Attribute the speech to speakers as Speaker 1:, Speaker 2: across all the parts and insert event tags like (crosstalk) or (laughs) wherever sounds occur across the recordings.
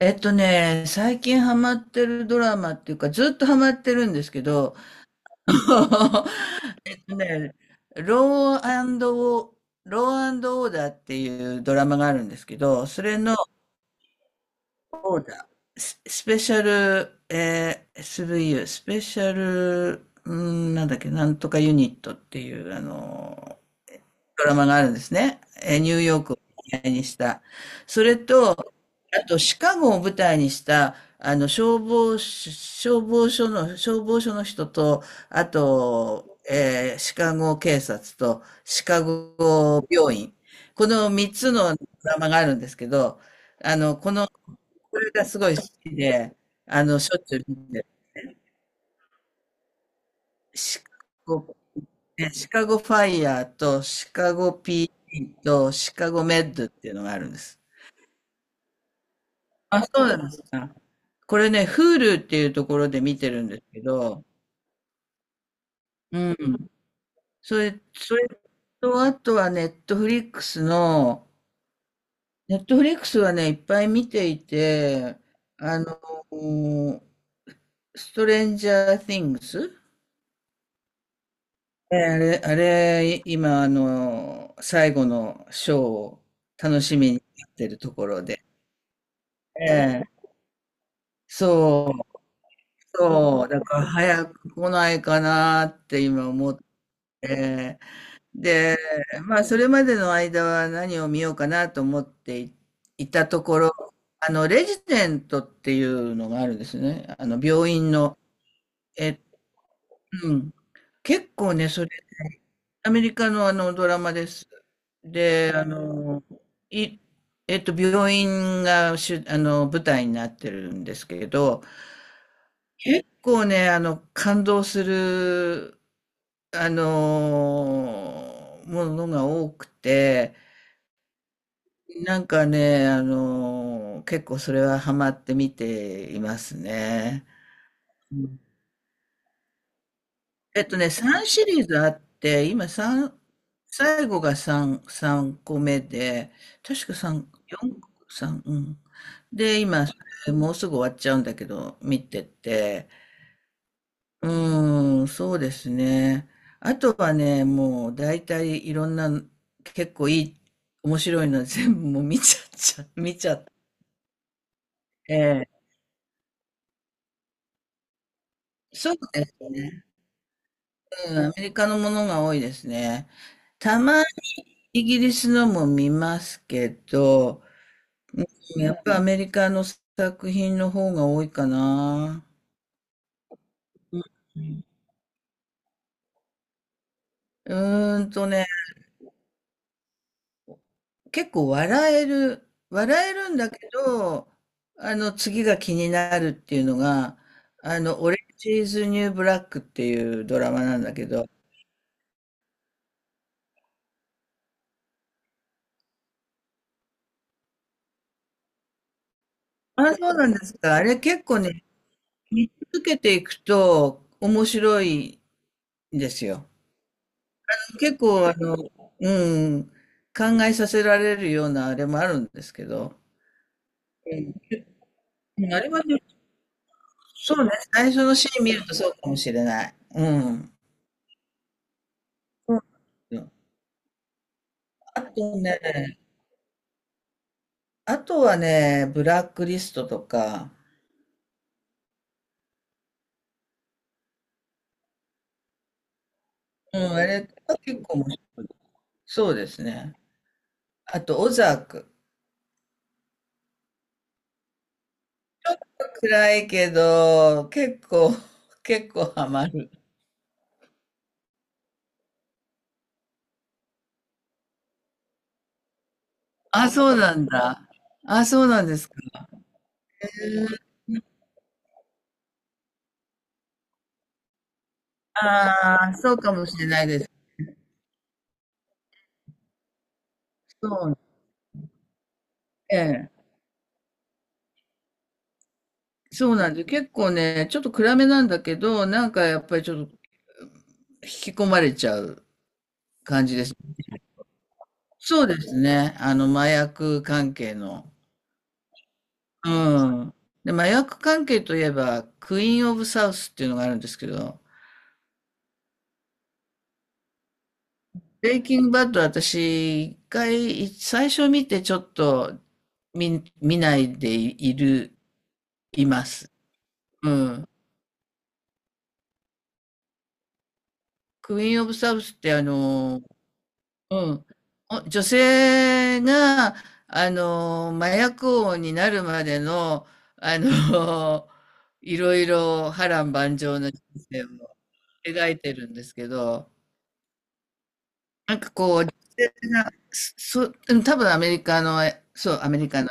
Speaker 1: 最近ハマってるドラマっていうか、ずっとハマってるんですけど、(laughs) えっとね、ローアンドオー、ローアンドオーダーっていうドラマがあるんですけど、それのスペシャル、v スブイユースペシャル、うん、なんだっけ、なんとかユニットっていう、あの、ドラマがあるんですね。ニューヨークを舞台にした。それと、あと、シカゴを舞台にした、あの、消防署の人と、あと、シカゴ警察と、シカゴ病院。この三つのドラマがあるんですけど、あの、これがすごい好きで、あの、しょっちゅう見てる。シカゴ、ねシカゴファイヤーと、シカゴ p ーディーと、シカゴメッドっていうのがあるんです。あ、そうなんですか。これね、Hulu っていうところで見てるんですけど、うん。それと、あとはネットフリックスの、ネットフリックスはね、いっぱい見ていて、あの、ストレンジャー・ティングスえあれ、あれ、今、あの、最後のショーを楽しみにやってるところで。ええ、そう、そう、だから早く来ないかなって今思って、で、まあ、それまでの間は何を見ようかなと思っていたところ、あの、レジデントっていうのがあるんですね。あの、病院の。え、うん。結構ね、アメリカのあのドラマです。で、あの、い、病院が主、あの、舞台になってるんですけど、結構ね、あの、感動する、あの、ものが多くて、なんかね、結構それはハマって見ていますね。うん、3シリーズあって、今3、最後が3、三個目で、確か三4、三うん。で、今、それもうすぐ終わっちゃうんだけど、見てて、うーん、そうですね。あとはね、もう大体いろんな、結構いい、面白いのは全部もう見ちゃって。ええ、そうですね。うん、アメリカのものが多いですね。たまにイギリスのも見ますけど、やっぱアメリカの作品の方が多いかな。うーんとね、結構笑えるんだけど、あの、次が気になるっていうのが、あの、オレンジーズ・ニュー・ブラックっていうドラマなんだけど、あ、そうなんですか。あれ結構ね、見続けていくと面白いんですよ。結構、あの、うん、考えさせられるようなあれもあるんですけど、うん、あれはね、そうね、最初のシーン見るとそうかもしれない。うん。そうなんですよ。あとね、あとはね、ブラックリストとか、うん、あれは結構面白い。そうですね。あと、オザーク。暗いけど、結構、(laughs) 結構ハマる。あ、そうなんだ。あ、そうなんですか。ああー、そうかもしれないです。そうね、ええ、そうなんです。結構ね、ちょっと暗めなんだけど、なんかやっぱりちょっと引き込まれちゃう。そうですね。あの、麻薬関係の。うん。で、麻薬関係といえば、クイーン・オブ・サウスっていうのがあるんですけど、ブレイキングバッド私、一回、最初見てちょっと見ないでいます。うん。クイーン・オブ・サウスってあの、うん。女性が、あの、麻薬王になるまでの、あの、(laughs) いろいろ波乱万丈な人生を描いてるんですけど、なんかこう、女性が、うん、多分アメリカの、そう、アメリカの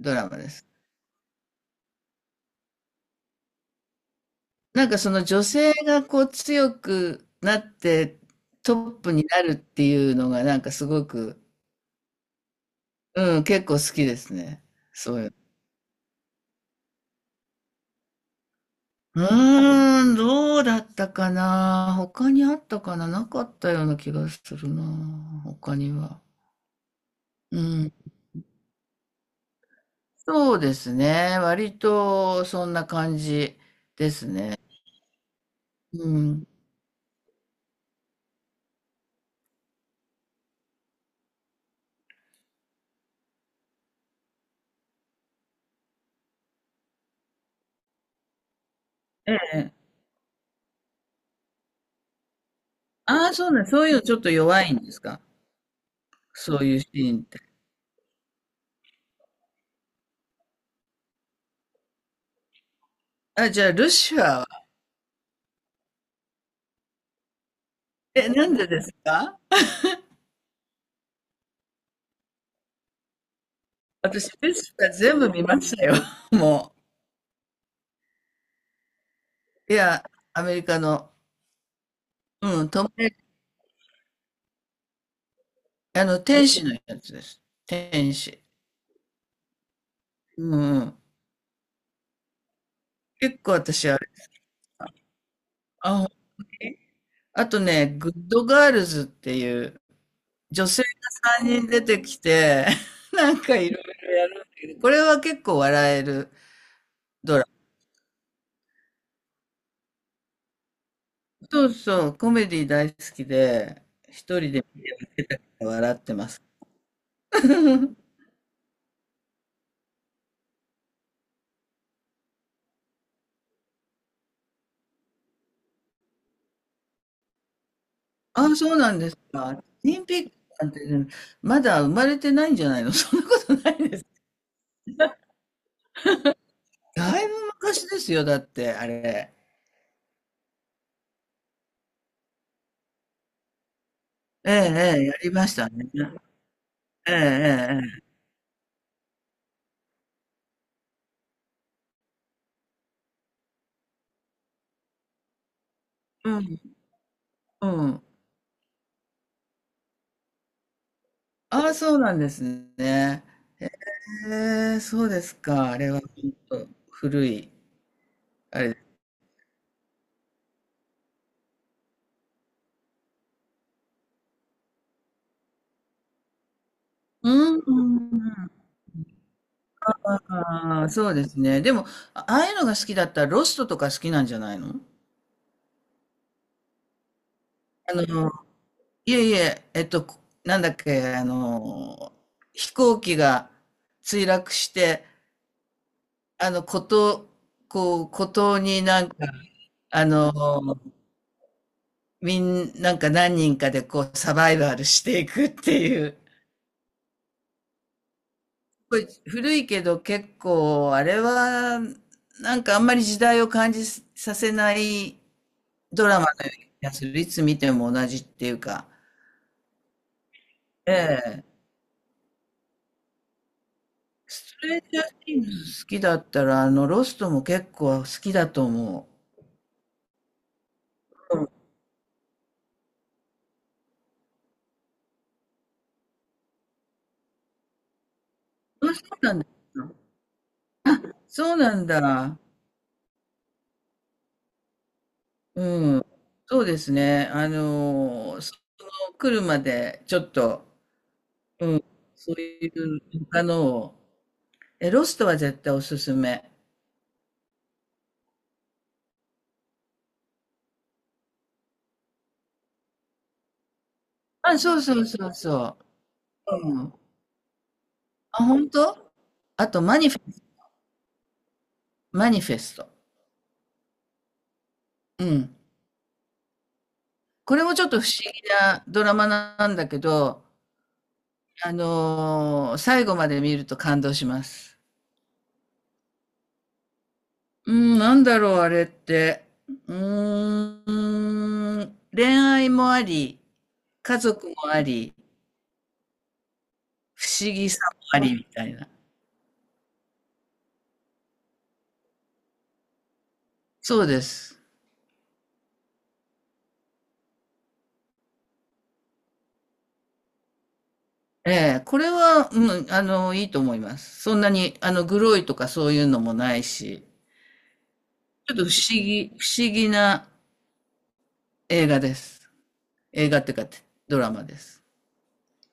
Speaker 1: ドラマです。なんかその女性がこう強くなってトップになるっていうのがなんかすごく、うん、結構好きですね。そういう。うーん、どうだったかな。他にあったかな。なかったような気がするな。他には。うん。そうですね。割とそんな感じですね。うん。ええ。ああ、そうね。そういうのちょっと弱いんですか。そういうシーンって。あ、じゃあ、ルシファーは。え、なんでですか？私、ルシファー全部見ましたよ。(laughs) もう。いや、アメリカの、うん、トム、あの、天使のやつです。天使。うんうん。結構私あれ。あ、ほんとに。あとね、グッドガールズっていう女性が3人出てきて、(laughs) なんかいろいろやる。これは結構笑えるドラマ。そうそう、コメディ大好きで、一人で笑ってます。(laughs) あ、そうなんですか。オリンピックなんてね、まだ生まれてないんじゃないの？ (laughs) そんなことないです。だいぶ昔ですよ、だって、あれ。ええ、ええ、やりましたね。ええ、ええ、ええ、うん、うん。ああ、そうなんですね。へえ、そうですか。あれはほんと古い、あれ。うんうんうん。ああ、そうですね。でも、あああいうのが好きだったらロストとか好きなんじゃないの？あの、いえいえ、なんだっけ、あの、飛行機が墜落して、あの、孤島、こう、孤島になんか、あの、なんか何人かでこう、サバイバルしていくっていう。ごい古いけど結構あれはなんかあんまり時代を感じさせないドラマのような気がする。いつ見ても同じっていうか。ええ。ストレンジャーシングス好きだったらあのロストも結構好きだと思う。うん、あ、そうなんだ。そうなんだ。うん。そうですね。あの、その来るまでちょっと、うん、そういう他のを。え、ロストは絶対おすすめ。あ、そうそうそうそう。うん。あ、本当。あと、マニフェスト。うん。これもちょっと不思議なドラマなんだけど、最後まで見ると感動します。うん、なんだろう、あれって。うーん、恋愛もあり、家族もあり、不思議さもありみたいな。そうです。ええ、これは、うん、あの、いいと思います。そんなに、あの、グロいとかそういうのもないし。ちょっと不思議な映画です。映画っていうか、ドラマです。